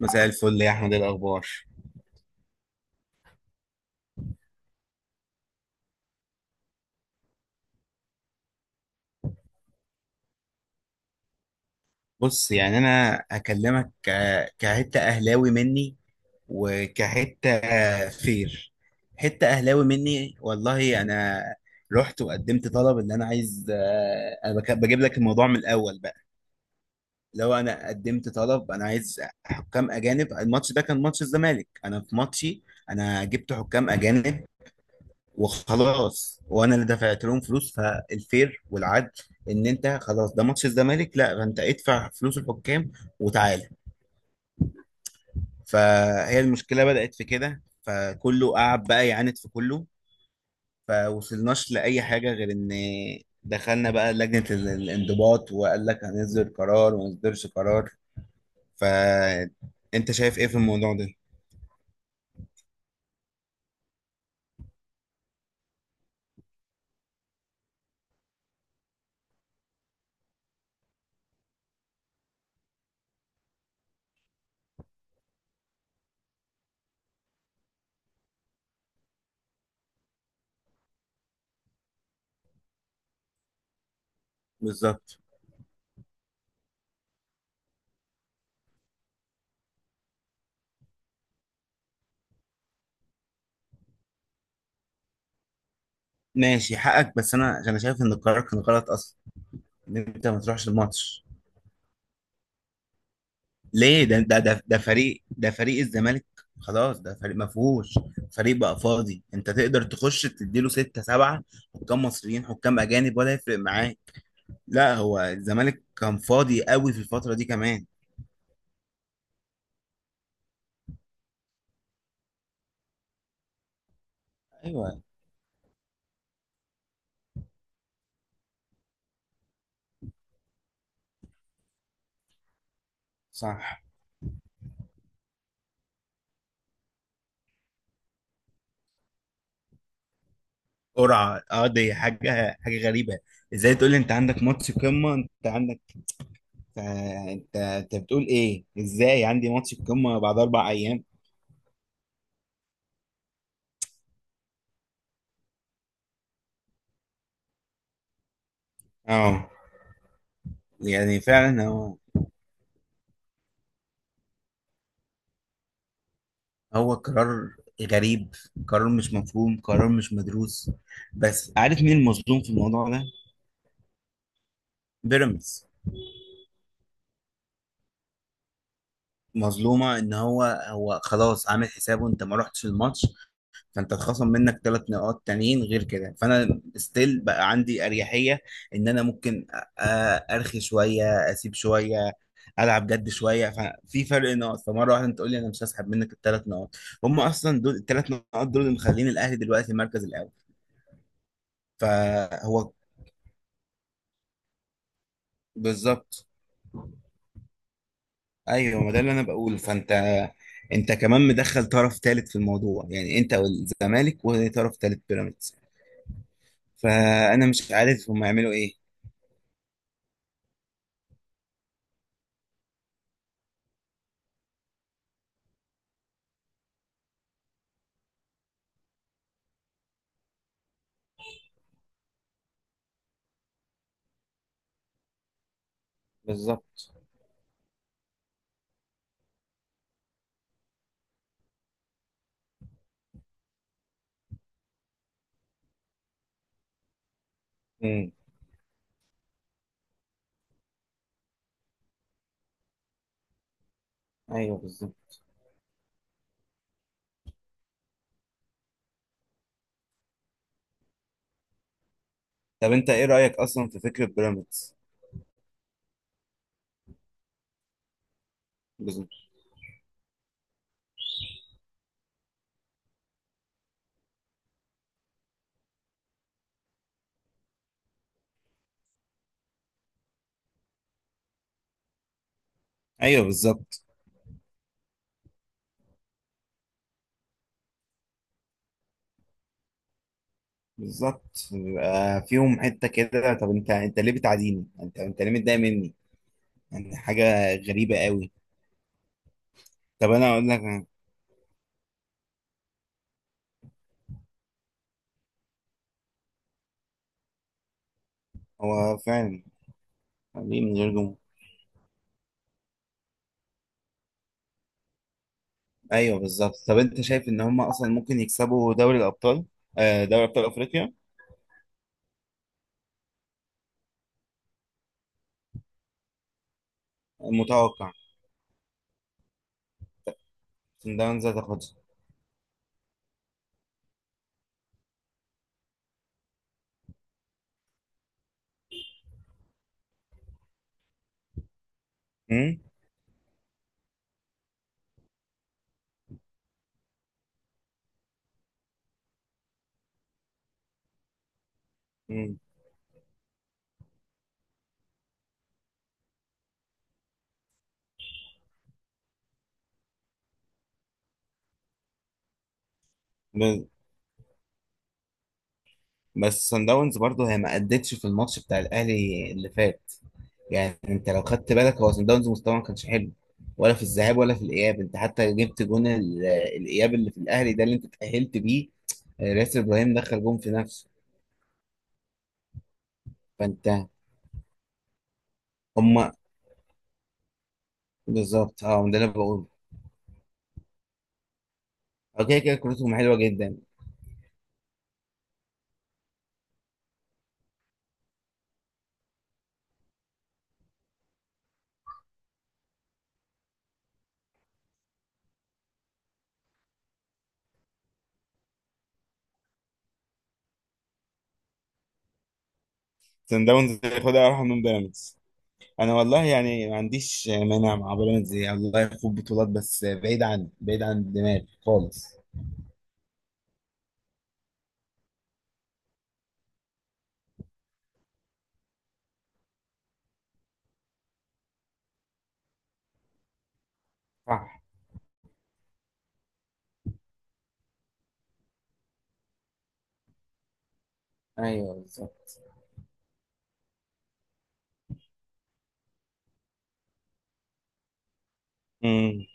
مساء الفل يا احمد، إيه الاخبار؟ بص، يعني انا هكلمك كحته اهلاوي مني، وكحته فير، حته اهلاوي مني، والله انا رحت وقدمت طلب ان انا عايز، انا بجيب لك الموضوع من الاول بقى. لو انا قدمت طلب انا عايز حكام اجانب، الماتش ده كان ماتش الزمالك، انا في ماتشي انا جبت حكام اجانب وخلاص، وانا اللي دفعت لهم فلوس. فالفير والعدل ان انت خلاص ده ماتش الزمالك، لا، فانت ادفع فلوس الحكام وتعالى. فهي المشكله بدات في كده، فكله قعد بقى يعاند في كله، فوصلناش لاي حاجه غير ان دخلنا بقى لجنه الانضباط، وقال لك هنصدر قرار وما نصدرش قرار. فانت شايف ايه في الموضوع ده؟ بالظبط. ماشي حقك، بس انا شايف ان القرار كان غلط اصلا، ان انت ما تروحش الماتش. ليه؟ ده فريق، ده فريق الزمالك، خلاص ده فريق ما فيهوش، فريق بقى فاضي، انت تقدر تخش تديله 6 7 حكام مصريين، حكام اجانب، ولا يفرق معاه. لا، هو الزمالك كان فاضي قوي في الفترة دي كمان. ايوه. صح. قرعة، دي حاجة حاجة غريبة. ازاي تقول لي انت عندك ماتش قمة؟ انت عندك آه، انت بتقول ايه؟ ازاي عندي ماتش قمة بعد 4 ايام؟ اه. يعني فعلا هو قرار غريب، قرار مش مفهوم، قرار مش مدروس. بس عارف مين المظلوم في الموضوع ده؟ بيراميدز. مظلومة. ان هو خلاص عامل حسابه انت ما رحتش الماتش، فانت اتخصم منك 3 نقاط تانيين غير كده، فانا ستيل بقى عندي اريحية ان انا ممكن ارخي شوية، اسيب شوية، العب جد شويه، ففي فرق نقط. فمره واحده انت تقول لي انا مش هسحب منك ال 3 نقط؟ هم اصلا دول ال 3 نقط دول اللي مخلين الاهلي دلوقتي المركز الاول. فهو. بالظبط. ايوه، ما ده اللي انا بقوله. فانت كمان مدخل طرف ثالث في الموضوع، يعني انت والزمالك وطرف ثالث بيراميدز. فانا مش عارف هم يعملوا ايه. بالظبط. امم. ايوه، بالظبط. طب انت ايه رايك اصلا في فكره بيراميدز؟ بالظبط. ايوه، بالظبط. بالظبط، بيبقى فيهم حته كده. طب انت ليه بتعاديني؟ انت ليه متضايق مني؟ يعني حاجه غريبه قوي. طب انا اقول لك. هو فعلا. ليه من غير جمهور؟ ايوه، بالظبط. طب انت شايف ان هم اصلا ممكن يكسبوا دوري الابطال؟ دوري ابطال افريقيا. متوقع. سان داونز هتاخدها. أمم، أمم. ب- بس سان داونز برضه هي ما ادتش في الماتش بتاع الاهلي اللي فات. يعني انت لو خدت بالك، هو سان داونز مستواه ما كانش حلو، ولا في الذهاب ولا في الاياب. انت حتى جبت جون الاياب اللي في الاهلي ده اللي انت اتاهلت بيه. ياسر ابراهيم دخل جون في نفسه. فانت. هم. بالظبط، اه ده اللي أنا بقوله. اوكي، كده كورتهم حلوه جدا. سان داونز ياخدها ارحم من بيراميدز. انا والله يعني ما عنديش مانع مع بيراميدز، يعني الله يخوض بطولات، بس بعيد عن دماغي خالص. صح. ايوه، بالظبط. امم.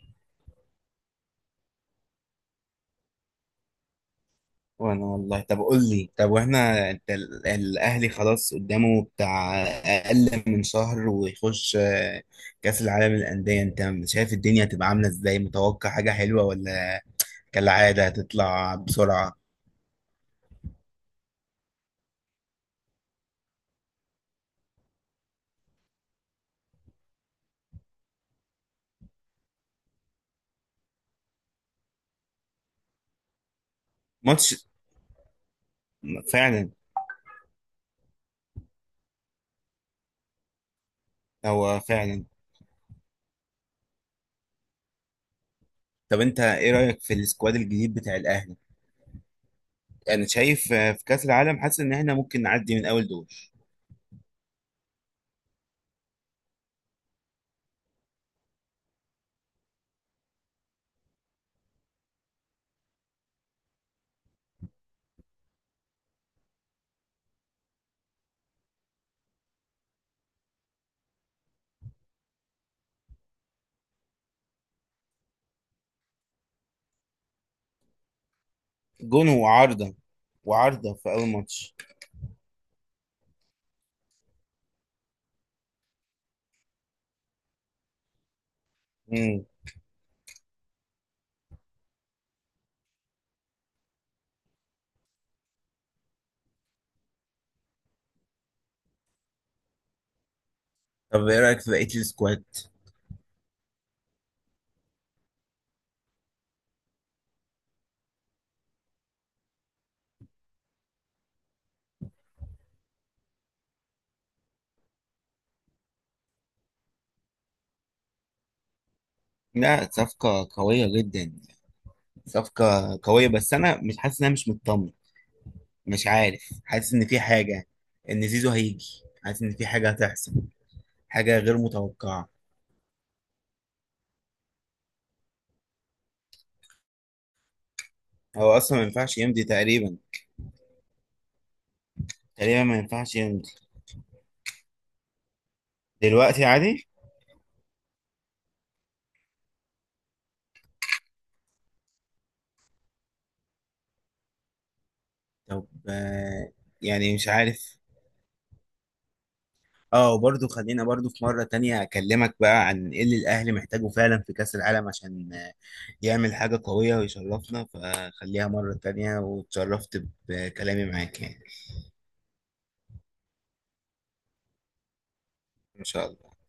وانا والله، طب قول لي، طب واحنا انت الاهلي خلاص قدامه بتاع اقل من شهر ويخش كاس العالم للانديه. انت شايف الدنيا هتبقى عامله ازاي؟ متوقع حاجه حلوه، ولا كالعاده هتطلع بسرعه؟ ماتش. فعلا. هو فعلا. طب انت ايه رايك في السكواد الجديد بتاع الاهلي؟ انا شايف، في كاس العالم حاسس ان احنا ممكن نعدي من اول دور. جون وعارضه. وعارضه في اول ماتش. امم. طب ايه رايك في بقيه السكواد؟ لا، صفقه قويه جدا. صفقه قويه، بس انا مش حاسس ان، انا مش مطمن. مش عارف، حاسس ان في حاجه، ان زيزو هيجي، حاسس ان في حاجه هتحصل، حاجه غير متوقعه. هو اصلا ما ينفعش يمضي تقريبا. تقريبا ما ينفعش يمضي. دلوقتي عادي. طب، يعني مش عارف. اه، وبرضه خلينا برضه في مرة تانية أكلمك بقى عن إيه اللي الأهلي محتاجه فعلا في كأس العالم عشان يعمل حاجة قوية ويشرفنا. فخليها مرة تانية، واتشرفت بكلامي معاك يعني. إن شاء الله.